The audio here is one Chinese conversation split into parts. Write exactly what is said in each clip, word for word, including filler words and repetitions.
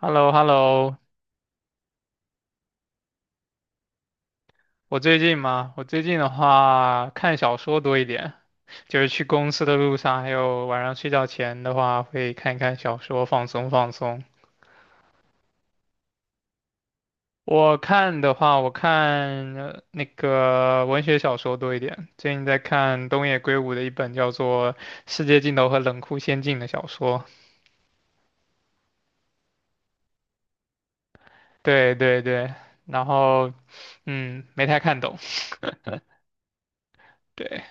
h e l l o h e l l o 我最近嘛，我最近的话看小说多一点，就是去公司的路上，还有晚上睡觉前的话，会看一看小说，放松放松。我看的话，我看呃那个文学小说多一点，最近在看东野圭吾的一本叫做《世界尽头和冷酷仙境》的小说。对对对，然后嗯，没太看懂。对，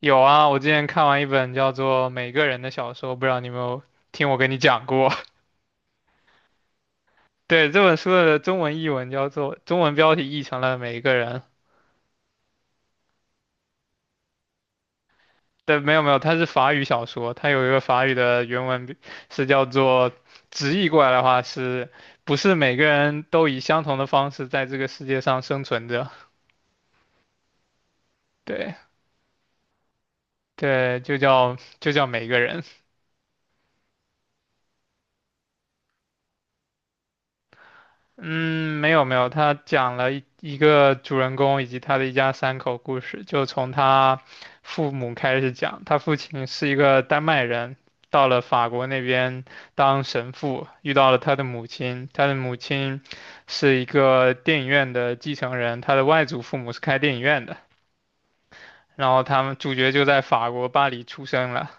有啊，我之前看完一本叫做《每个人的小说》，不知道你有没有听我跟你讲过？对，这本书的中文译文叫做，中文标题译成了《每一个人》。对，没有没有，它是法语小说，它有一个法语的原文是叫做，直译过来的话是，不是每个人都以相同的方式在这个世界上生存着？对对，就叫就叫每个人。嗯，没有没有，他讲了一一个主人公以及他的一家三口故事，就从他父母开始讲。他父亲是一个丹麦人，到了法国那边当神父，遇到了他的母亲。他的母亲是一个电影院的继承人，他的外祖父母是开电影院的。然后他们主角就在法国巴黎出生了。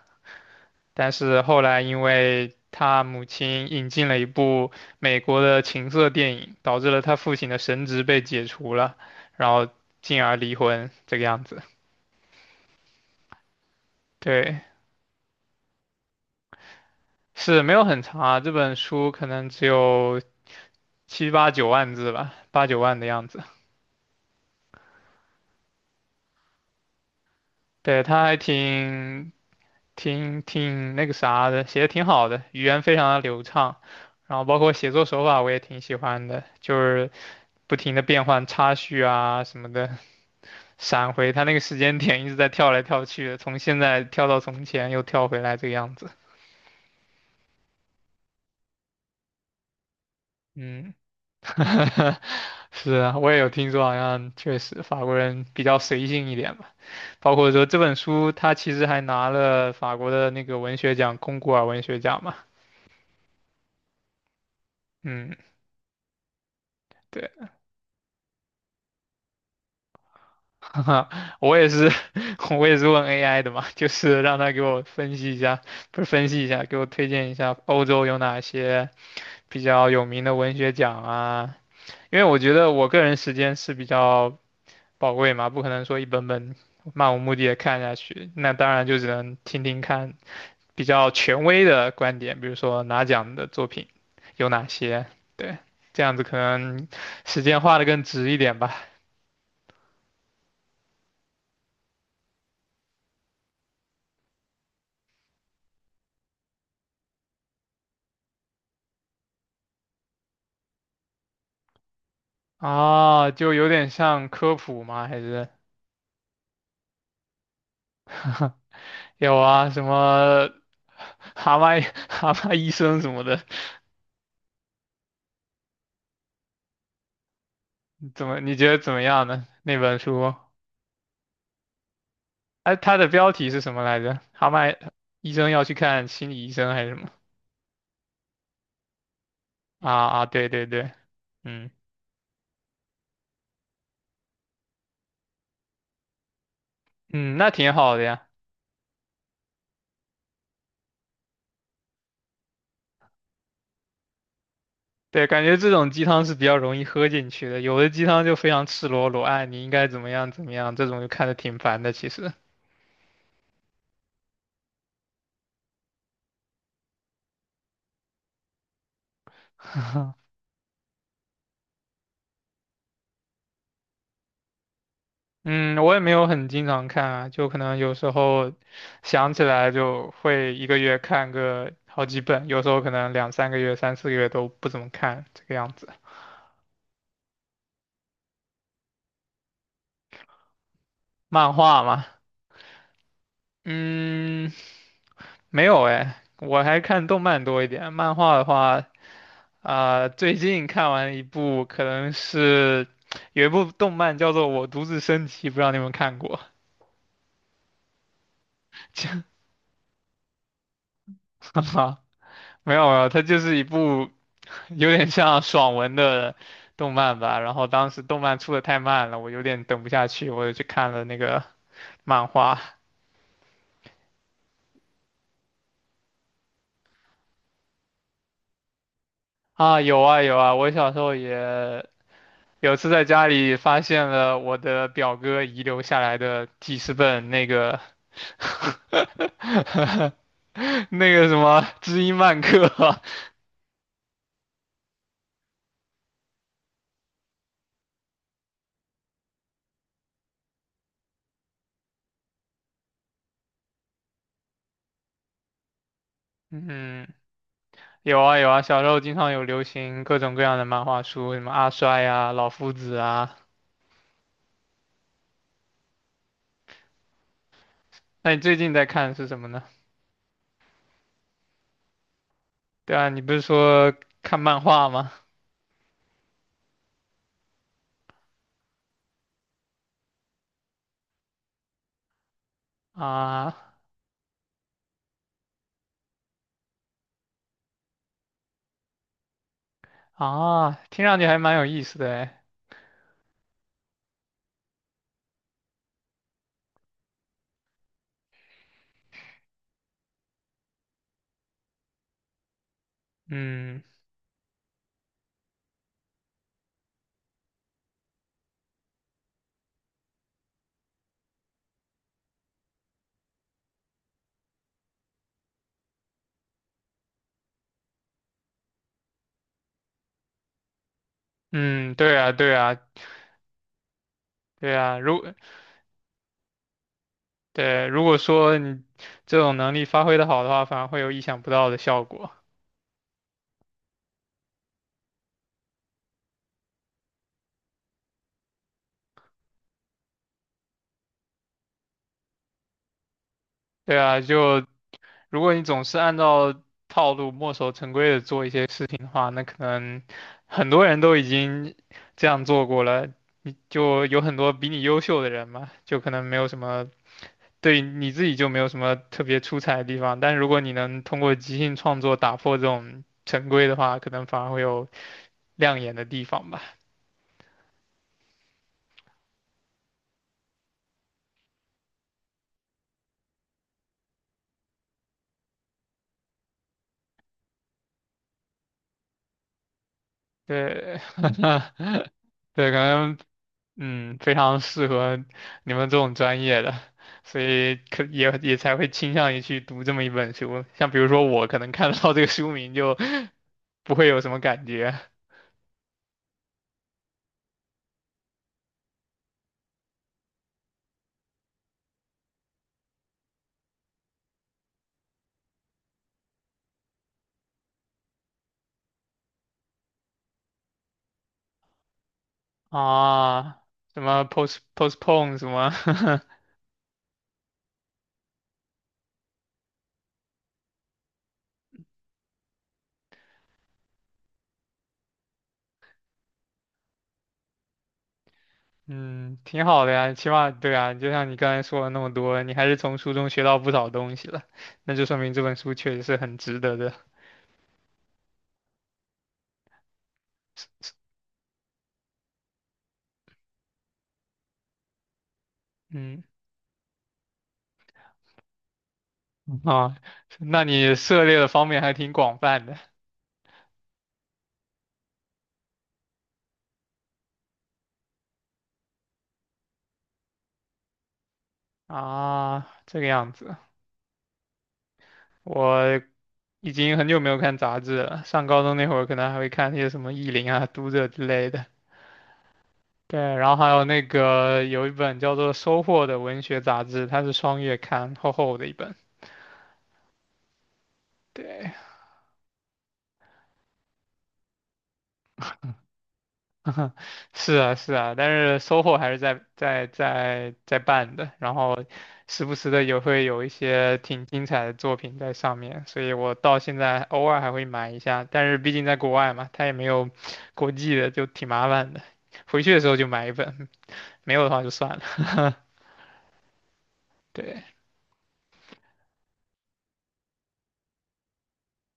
但是后来因为他母亲引进了一部美国的情色电影，导致了他父亲的神职被解除了，然后进而离婚这个样子。对，是没有很长啊，这本书可能只有七八九万字吧，八九万的样子。对，他还挺挺挺那个啥的，写的挺好的，语言非常的流畅，然后包括写作手法我也挺喜欢的，就是不停的变换插叙啊什么的。闪回，他那个时间点一直在跳来跳去的，从现在跳到从前，又跳回来这个样子。嗯，是啊，我也有听说，好像确实法国人比较随性一点吧。包括说这本书，他其实还拿了法国的那个文学奖——龚古尔文学奖嘛。嗯，对，我也是，我也是问 A I 的嘛，就是让他给我分析一下，不是分析一下，给我推荐一下欧洲有哪些比较有名的文学奖啊。因为我觉得我个人时间是比较宝贵嘛，不可能说一本本漫无目的的看下去。那当然就只能听听看比较权威的观点，比如说拿奖的作品有哪些，对，这样子可能时间花的更值一点吧。啊，就有点像科普吗？还是 有啊，什么蛤蟆 蛤蟆医生什么的，怎么你觉得怎么样呢？那本书？哎、它的标题是什么来着？蛤蟆医生要去看心理医生还是什么？啊啊，对对对，嗯嗯，那挺好的呀。对，感觉这种鸡汤是比较容易喝进去的，有的鸡汤就非常赤裸裸，哎，你应该怎么样怎么样，这种就看的挺烦的。其实，嗯，我也没有很经常看啊，就可能有时候想起来就会一个月看个好几本，有时候可能两三个月、三四个月都不怎么看，这个样子。漫画嘛，嗯，没有哎，我还看动漫多一点，漫画的话，啊、最近看完一部，可能是有一部动漫叫做《我独自升级》，不知道你有没有看过？哈哈没有没有，它就是一部有点像爽文的动漫吧。然后当时动漫出的太慢了，我有点等不下去，我就去看了那个漫画。啊，有啊有啊，我小时候也有次在家里发现了我的表哥遗留下来的记事本，那个 那个什么知音漫客，嗯，有啊有啊，小时候经常有流行各种各样的漫画书，什么阿衰啊、老夫子啊。那你最近在看是什么呢？对啊，你不是说看漫画吗？啊啊，听上去还蛮有意思的哎。嗯嗯，对啊对啊对啊，如对，如果说你这种能力发挥的好的话，反而会有意想不到的效果。对啊，就如果你总是按照套路墨守成规的做一些事情的话，那可能很多人都已经这样做过了，你就有很多比你优秀的人嘛，就可能没有什么，对你自己就没有什么特别出彩的地方。但是如果你能通过即兴创作打破这种成规的话，可能反而会有亮眼的地方吧。对。对，可能嗯非常适合你们这种专业的，所以可也也才会倾向于去读这么一本书。像比如说我可能看到这个书名就不会有什么感觉啊，什么 post postpone 什么，嗯，挺好的呀，起码对啊，就像你刚才说了那么多，你还是从书中学到不少东西了，那就说明这本书确实是很值得的。嗯，啊，那你涉猎的方面还挺广泛的。啊，这个样子，我已经很久没有看杂志了。上高中那会儿，可能还会看一些什么《意林》啊、《读者》之类的。对，然后还有那个有一本叫做《收获》的文学杂志，它是双月刊，厚厚的一本。对，是啊，是啊，但是收获还是在在在在办的，然后时不时的也会有一些挺精彩的作品在上面，所以我到现在偶尔还会买一下，但是毕竟在国外嘛，它也没有国际的，就挺麻烦的。回去的时候就买一本，没有的话就算了。对，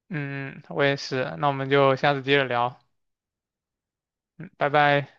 嗯，我也是，那我们就下次接着聊，嗯，拜拜。